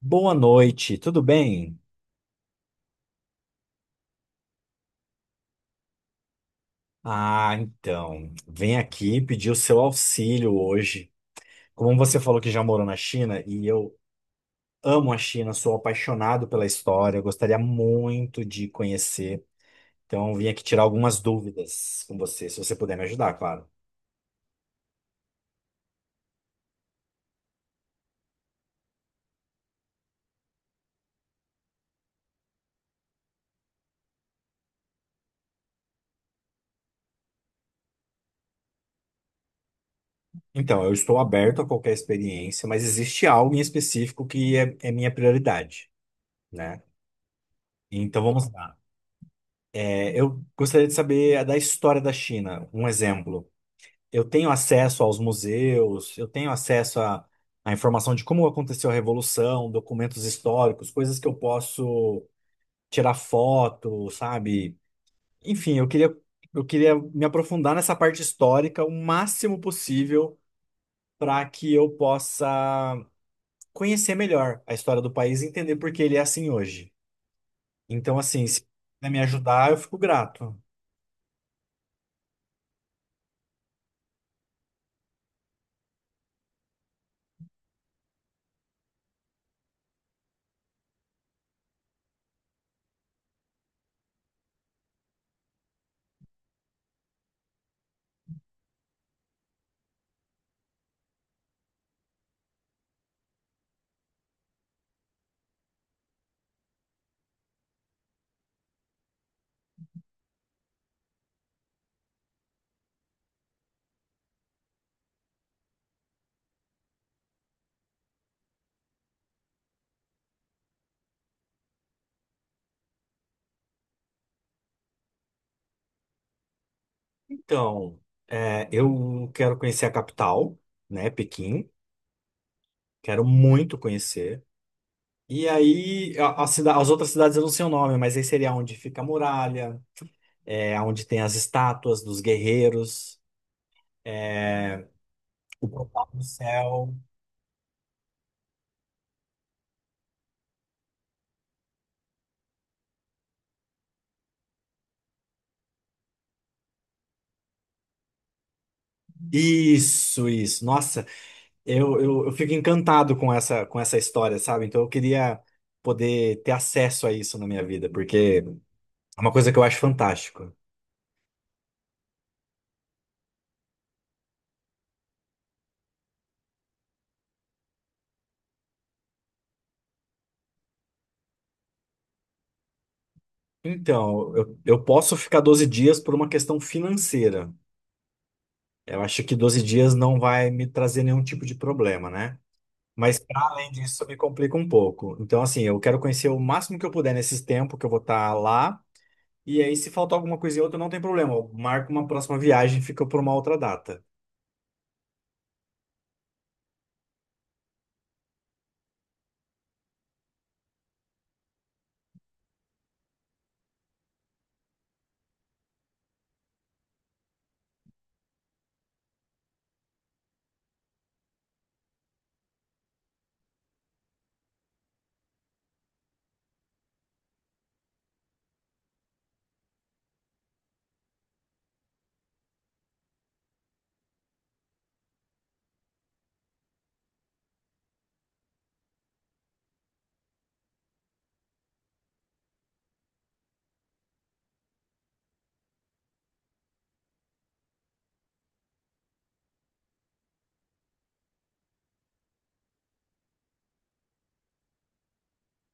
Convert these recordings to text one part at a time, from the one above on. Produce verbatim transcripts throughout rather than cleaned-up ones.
Boa noite, tudo bem? Ah, então, vem aqui pedir o seu auxílio hoje. Como você falou que já morou na China, e eu amo a China, sou apaixonado pela história, gostaria muito de conhecer. Então, vim aqui tirar algumas dúvidas com você, se você puder me ajudar, claro. Então, eu estou aberto a qualquer experiência, mas existe algo em específico que é, é minha prioridade, né? Então, vamos lá. É, eu gostaria de saber da história da China, um exemplo. Eu tenho acesso aos museus, eu tenho acesso à, à informação de como aconteceu a Revolução, documentos históricos, coisas que eu posso tirar foto, sabe? Enfim, eu queria, eu queria me aprofundar nessa parte histórica o máximo possível para que eu possa conhecer melhor a história do país e entender por que ele é assim hoje. Então, assim, se puder me ajudar, eu fico grato. Então, é, eu quero conhecer a capital, né, Pequim. Quero muito conhecer. E aí, a, a cida- as outras cidades eu não sei o nome, mas aí seria onde fica a muralha, é, onde tem as estátuas dos guerreiros, o portal do céu. Isso, isso. Nossa, eu, eu, eu fico encantado com essa, com essa história, sabe? Então eu queria poder ter acesso a isso na minha vida, porque é uma coisa que eu acho fantástico. Então, eu, eu posso ficar doze dias por uma questão financeira. Eu acho que doze dias não vai me trazer nenhum tipo de problema, né? Mas, pra além disso, me complica um pouco. Então, assim, eu quero conhecer o máximo que eu puder nesses tempos que eu vou estar lá. E aí, se faltar alguma coisa e outra, não tem problema. Eu marco uma próxima viagem, fica por uma outra data.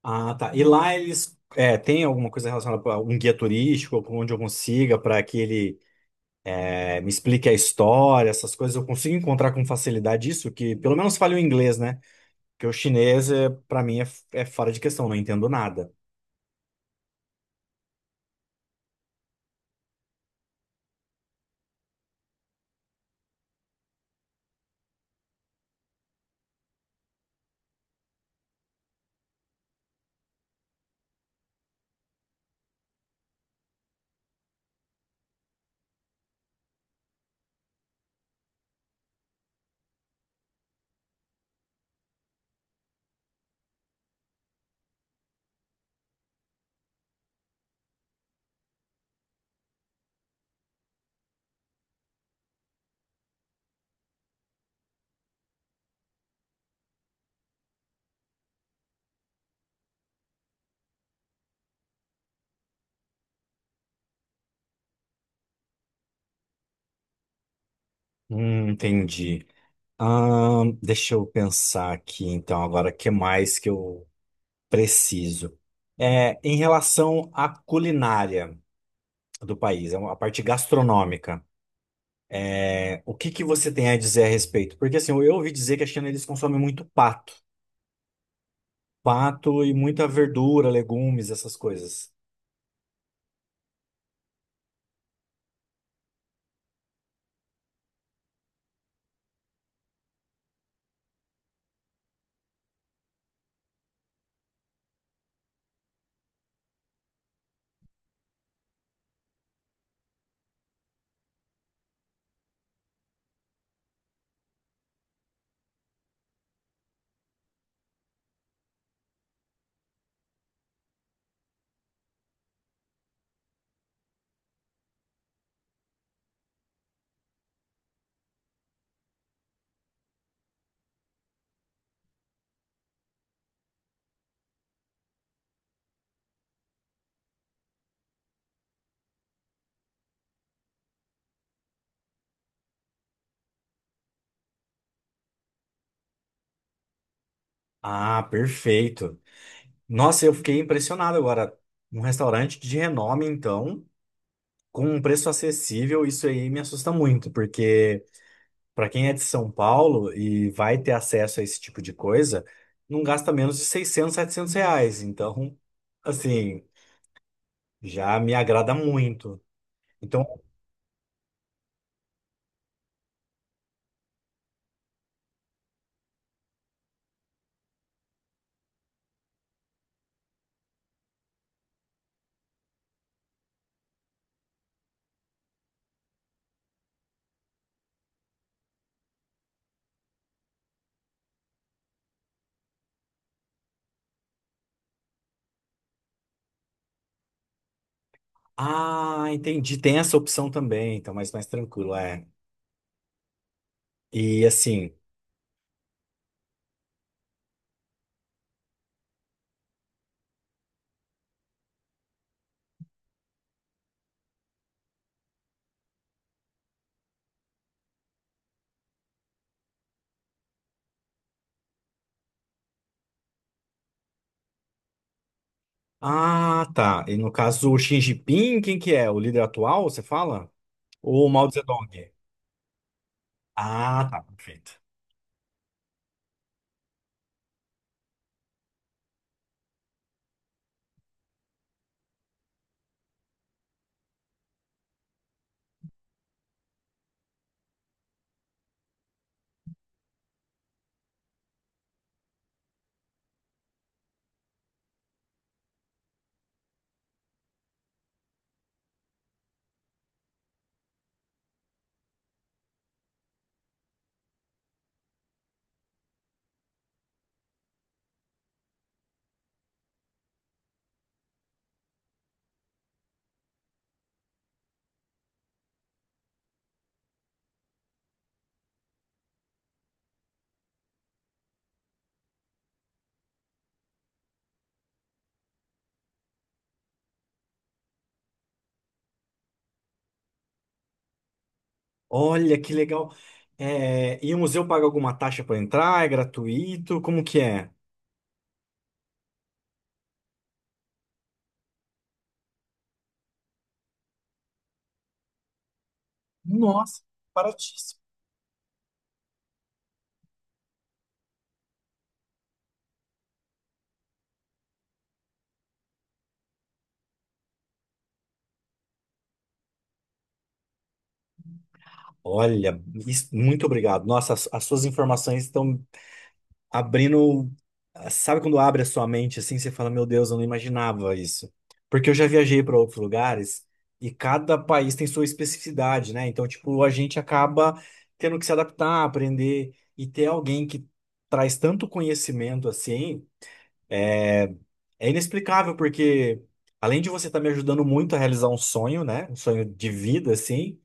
Ah, tá. E lá eles. É, tem alguma coisa relacionada a um guia turístico, onde eu consiga, para que ele é, me explique a história, essas coisas, eu consigo encontrar com facilidade isso, que pelo menos fale o inglês, né? Porque o chinês, é, para mim, é, é fora de questão, não entendo nada. Hum, entendi. Ahn, deixa eu pensar aqui, então, agora, o que mais que eu preciso? É, em relação à culinária do país, a parte gastronômica, é, o que que você tem a dizer a respeito? Porque, assim, eu ouvi dizer que a China, eles consomem muito pato. Pato e muita verdura, legumes, essas coisas. Ah, perfeito. Nossa, eu fiquei impressionado agora. Um restaurante de renome, então. Com um preço acessível, isso aí me assusta muito, porque para quem é de São Paulo e vai ter acesso a esse tipo de coisa, não gasta menos de seiscentos setecentos reais. Então, assim, já me agrada muito. Então, ah, entendi, tem essa opção também, então mais mais tranquilo, é. E assim, ah, tá. E no caso, o Xi Jinping, quem que é? O líder atual, você fala? Ou o Mao Zedong? Ah, tá, perfeito. Olha que legal. É, e o museu paga alguma taxa para entrar? É gratuito? Como que é? Nossa, baratíssimo. Olha, isso- muito obrigado. Nossa, as, as suas informações estão abrindo. Sabe quando abre a sua mente assim, você fala, meu Deus, eu não imaginava isso. Porque eu já viajei para outros lugares e cada país tem sua especificidade, né? Então, tipo, a gente acaba tendo que se adaptar, aprender e ter alguém que traz tanto conhecimento assim. É inexplicável, porque além de você estar me ajudando muito a realizar um sonho, né? Um sonho de vida, assim,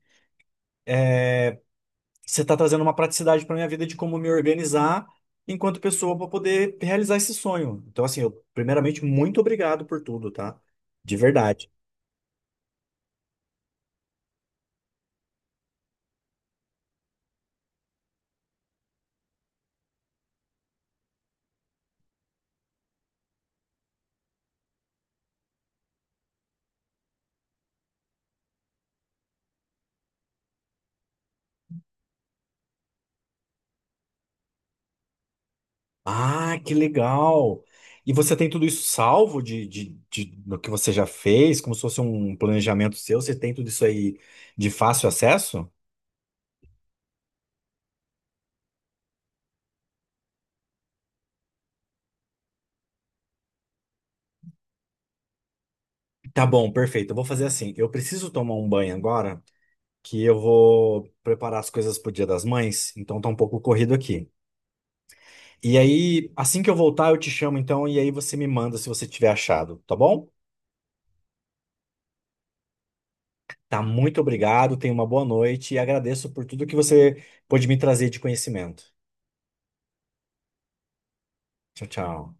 você está trazendo uma praticidade para minha vida de como me organizar enquanto pessoa para poder realizar esse sonho. Então, assim, eu, primeiramente, muito obrigado por tudo, tá? De verdade. Ah, que legal! E você tem tudo isso salvo de, de, de- do que você já fez, como se fosse um planejamento seu? Você tem tudo isso aí de fácil acesso? Tá bom, perfeito. Eu vou fazer assim. Eu preciso tomar um banho agora. Que eu vou preparar as coisas pro Dia das Mães, então tá um pouco corrido aqui. E aí, assim que eu voltar, eu te chamo então, e aí você me manda se você tiver achado, tá bom? Tá, muito obrigado, tenha uma boa noite e agradeço por tudo que você pôde me trazer de conhecimento. Tchau, tchau.